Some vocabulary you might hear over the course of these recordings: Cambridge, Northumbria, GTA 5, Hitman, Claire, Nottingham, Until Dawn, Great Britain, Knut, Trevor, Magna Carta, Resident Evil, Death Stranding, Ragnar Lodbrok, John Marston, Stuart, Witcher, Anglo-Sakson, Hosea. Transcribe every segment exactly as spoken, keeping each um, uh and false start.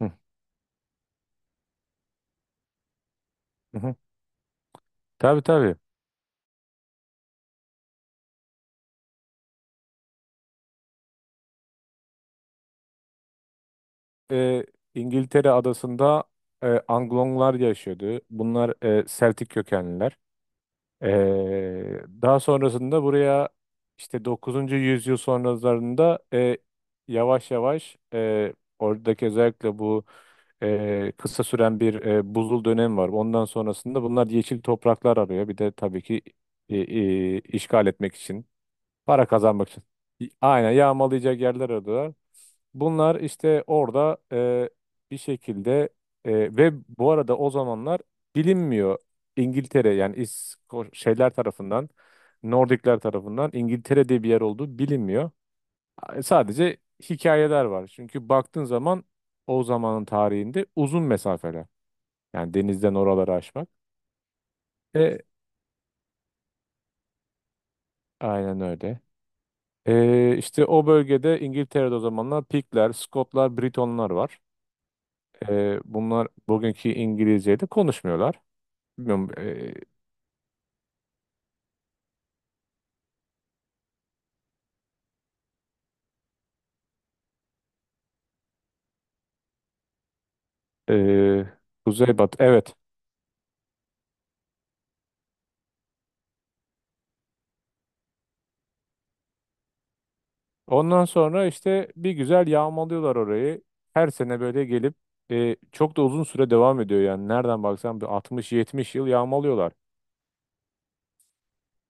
Hı hı. hı. Tabii tabii. Ee, İngiltere adasında e, Anglonglar yaşıyordu. Bunlar e, Celtic kökenliler. Ee, daha sonrasında buraya işte dokuzuncu yüzyıl sonralarında e, yavaş yavaş e, oradaki özellikle bu e, kısa süren bir e, buzul dönem var. Ondan sonrasında bunlar yeşil topraklar arıyor. Bir de tabii ki e, e, işgal etmek için, para kazanmak için. Aynen yağmalayacak yerler arıyorlar. Bunlar işte orada e, bir şekilde e, ve bu arada o zamanlar bilinmiyor. İngiltere yani İsko- şeyler tarafından, Nordikler tarafından İngiltere diye bir yer olduğu bilinmiyor. Sadece hikayeler var. Çünkü baktığın zaman o zamanın tarihinde uzun mesafeler. Yani denizden oraları aşmak. E, aynen öyle. E, işte o bölgede İngiltere'de o zamanlar Pikler, Skotlar, Britonlar var. E, bunlar bugünkü İngilizce'yi de konuşmuyorlar. Bilmiyorum. e, e, Kuzey Batı. Evet. Ondan sonra işte bir güzel yağmalıyorlar orayı. Her sene böyle gelip e, çok da uzun süre devam ediyor yani. Nereden baksan bir altmış yetmiş yıl yağmalıyorlar.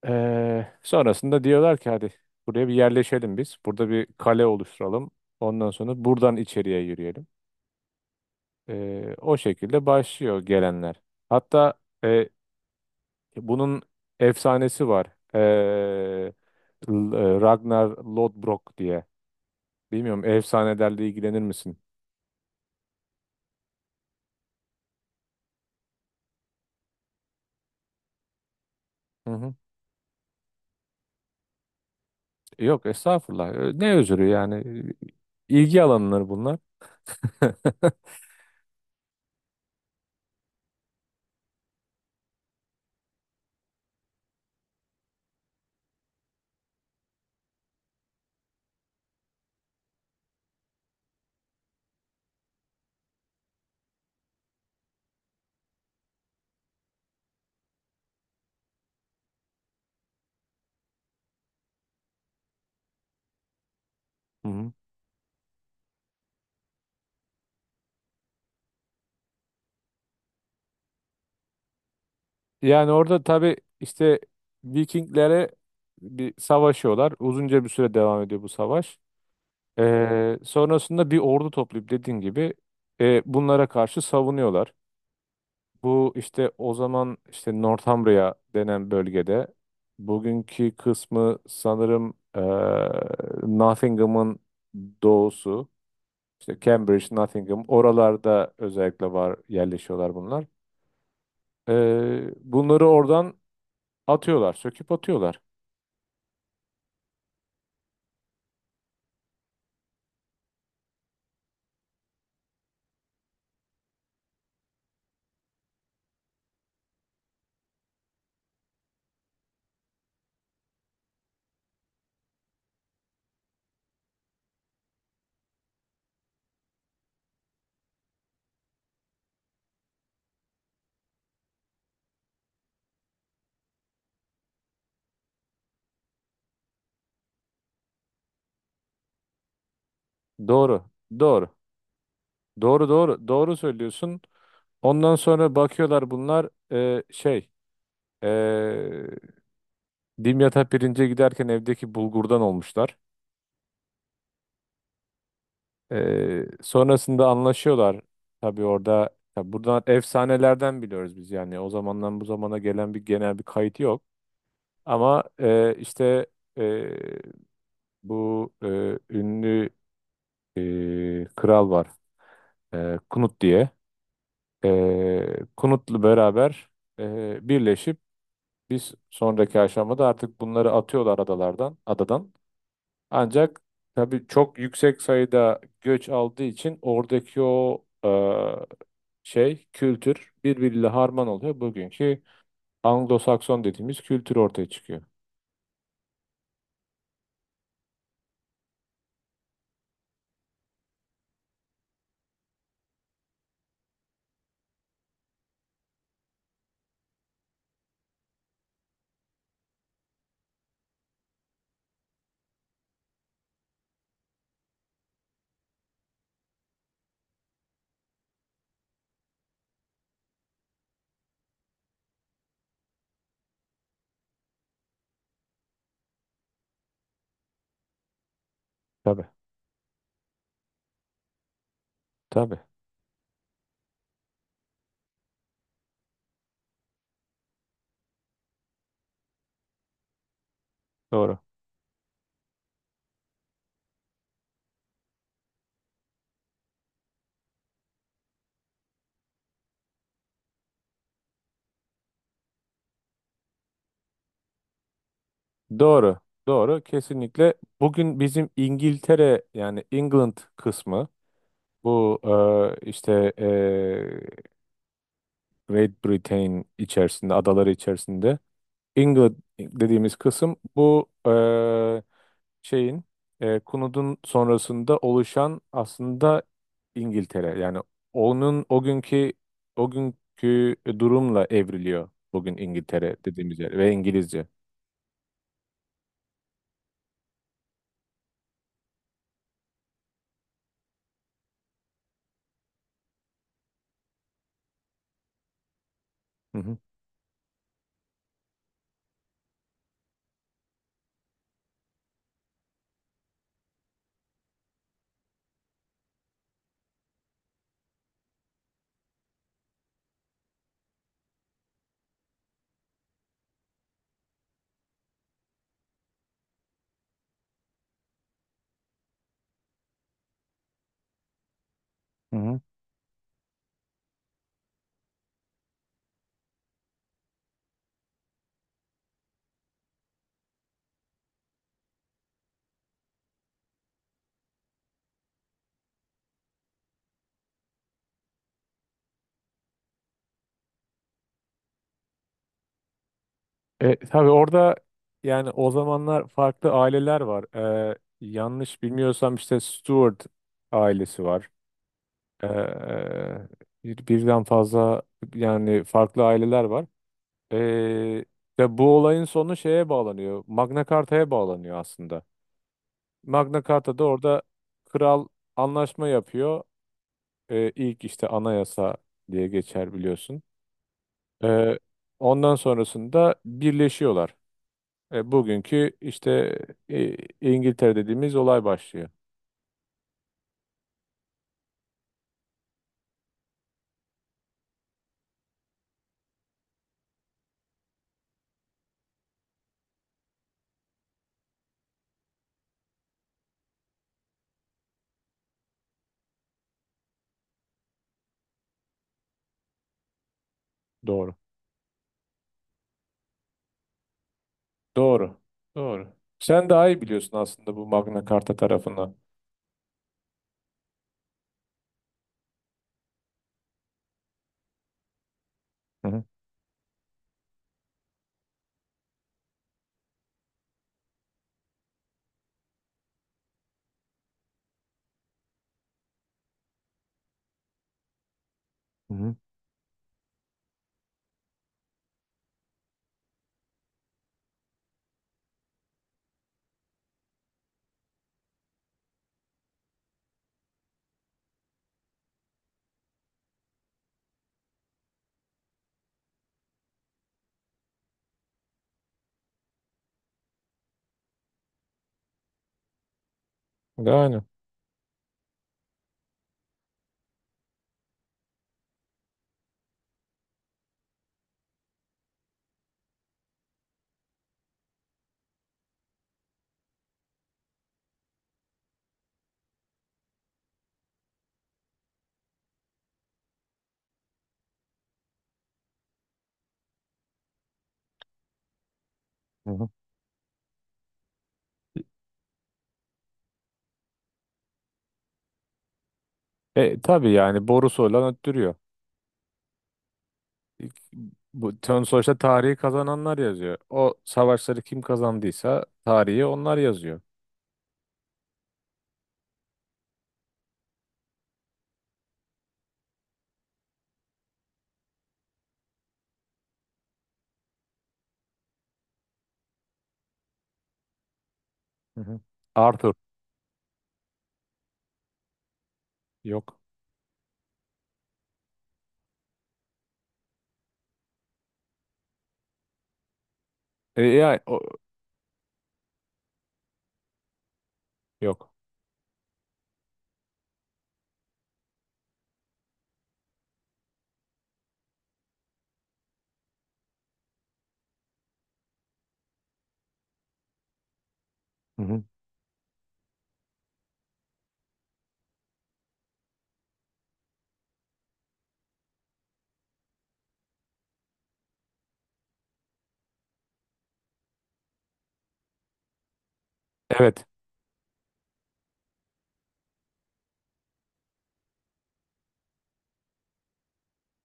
E, Sonrasında diyorlar ki hadi buraya bir yerleşelim biz. Burada bir kale oluşturalım. Ondan sonra buradan içeriye yürüyelim. E, o şekilde başlıyor gelenler. Hatta e, bunun efsanesi var. E, L- e, Ragnar Lodbrok diye. Bilmiyorum efsanelerle ilgilenir misin? Hı hı. Yok estağfurullah. Ee, Ne özürü yani? İlgi alanları bunlar. Hı hı. Yani orada tabii işte Vikinglere bir savaşıyorlar. Uzunca bir süre devam ediyor bu savaş. Ee, sonrasında bir ordu toplayıp dediğin gibi e, bunlara karşı savunuyorlar. Bu işte o zaman işte Northumbria denen bölgede bugünkü kısmı sanırım eee, Nottingham'ın doğusu, işte Cambridge, Nottingham oralarda özellikle var, yerleşiyorlar bunlar. Eee, bunları oradan atıyorlar, söküp atıyorlar. Doğru, doğru, doğru, doğru, doğru söylüyorsun. Ondan sonra bakıyorlar bunlar eee, şey eee Dimyat'a pirince giderken evdeki bulgurdan olmuşlar. Ee, sonrasında anlaşıyorlar. Tabii orada tabii buradan efsanelerden biliyoruz biz yani. O zamandan bu zamana gelen bir genel bir kayıt yok. Ama e, işte e, bu e, ünlü e, kral var. E, Knut diye. E, Knut'la beraber e, birleşip biz sonraki aşamada artık bunları atıyorlar adalardan, adadan. Ancak tabii çok yüksek sayıda göç aldığı için oradaki o şey kültür birbiriyle harman oluyor. Bugünkü Anglo-Sakson dediğimiz kültür ortaya çıkıyor. Tabii, tabii. Doğru. Doğru. Doğru. Kesinlikle. Bugün bizim İngiltere yani England kısmı bu e, işte e, Great Britain içerisinde, adaları içerisinde England dediğimiz kısım bu e, şeyin e, Kunud'un sonrasında oluşan aslında İngiltere. Yani onun o günkü o günkü durumla evriliyor bugün İngiltere dediğimiz yer ve İngilizce. Hı hı. Hı hı. E, tabii orada yani o zamanlar farklı aileler var. E, yanlış bilmiyorsam işte Stuart ailesi var. E, bir, Birden fazla yani farklı aileler var. Ee, Ve bu olayın sonu şeye bağlanıyor. Magna Carta'ya bağlanıyor aslında. Magna Carta'da orada kral anlaşma yapıyor. Ee, ilk işte anayasa diye geçer biliyorsun. Ee, Ondan sonrasında birleşiyorlar. Ee, bugünkü işte e, İngiltere dediğimiz olay başlıyor. Doğru. Doğru. Doğru. Sen daha iyi biliyorsun aslında bu Magna Carta tarafını. Hı hı. Hı hı. Yani. Hı hı. E, tabii yani borusu olan öttürüyor. Bu tön sonuçta tarihi kazananlar yazıyor. O savaşları kim kazandıysa tarihi onlar yazıyor. Hı hı. Arthur yok. E, yani o, yok. Hı hı. Evet.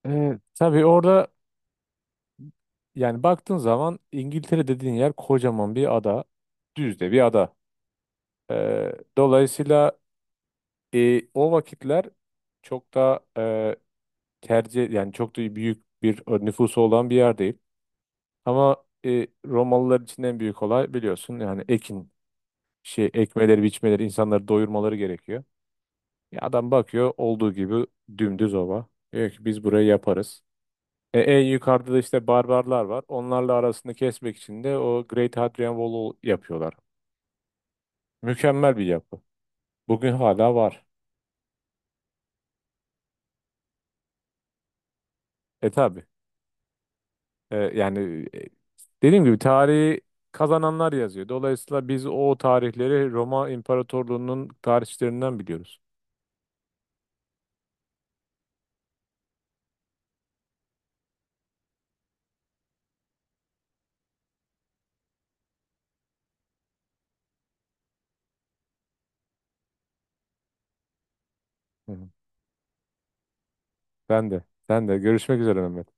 E, tabii orada yani baktığın zaman İngiltere dediğin yer kocaman bir ada. Düz de bir ada. E, Dolayısıyla e, o vakitler çok da e, tercih yani çok da büyük bir nüfusu olan bir yer değil. Ama e, Romalılar için en büyük olay biliyorsun yani ekin şey ekmeleri, biçmeleri, insanları doyurmaları gerekiyor. Ya adam bakıyor olduğu gibi dümdüz ova. Diyor ki biz burayı yaparız. E, en yukarıda da işte barbarlar var. Onlarla arasını kesmek için de o Great Hadrian Wall'u yapıyorlar. Mükemmel bir yapı. Bugün hala var. E tabi. E, yani e, Dediğim gibi tarihi kazananlar yazıyor. Dolayısıyla biz o tarihleri Roma İmparatorluğu'nun tarihçilerinden biliyoruz. Hı hı. Ben de. Ben de. Görüşmek üzere Mehmet.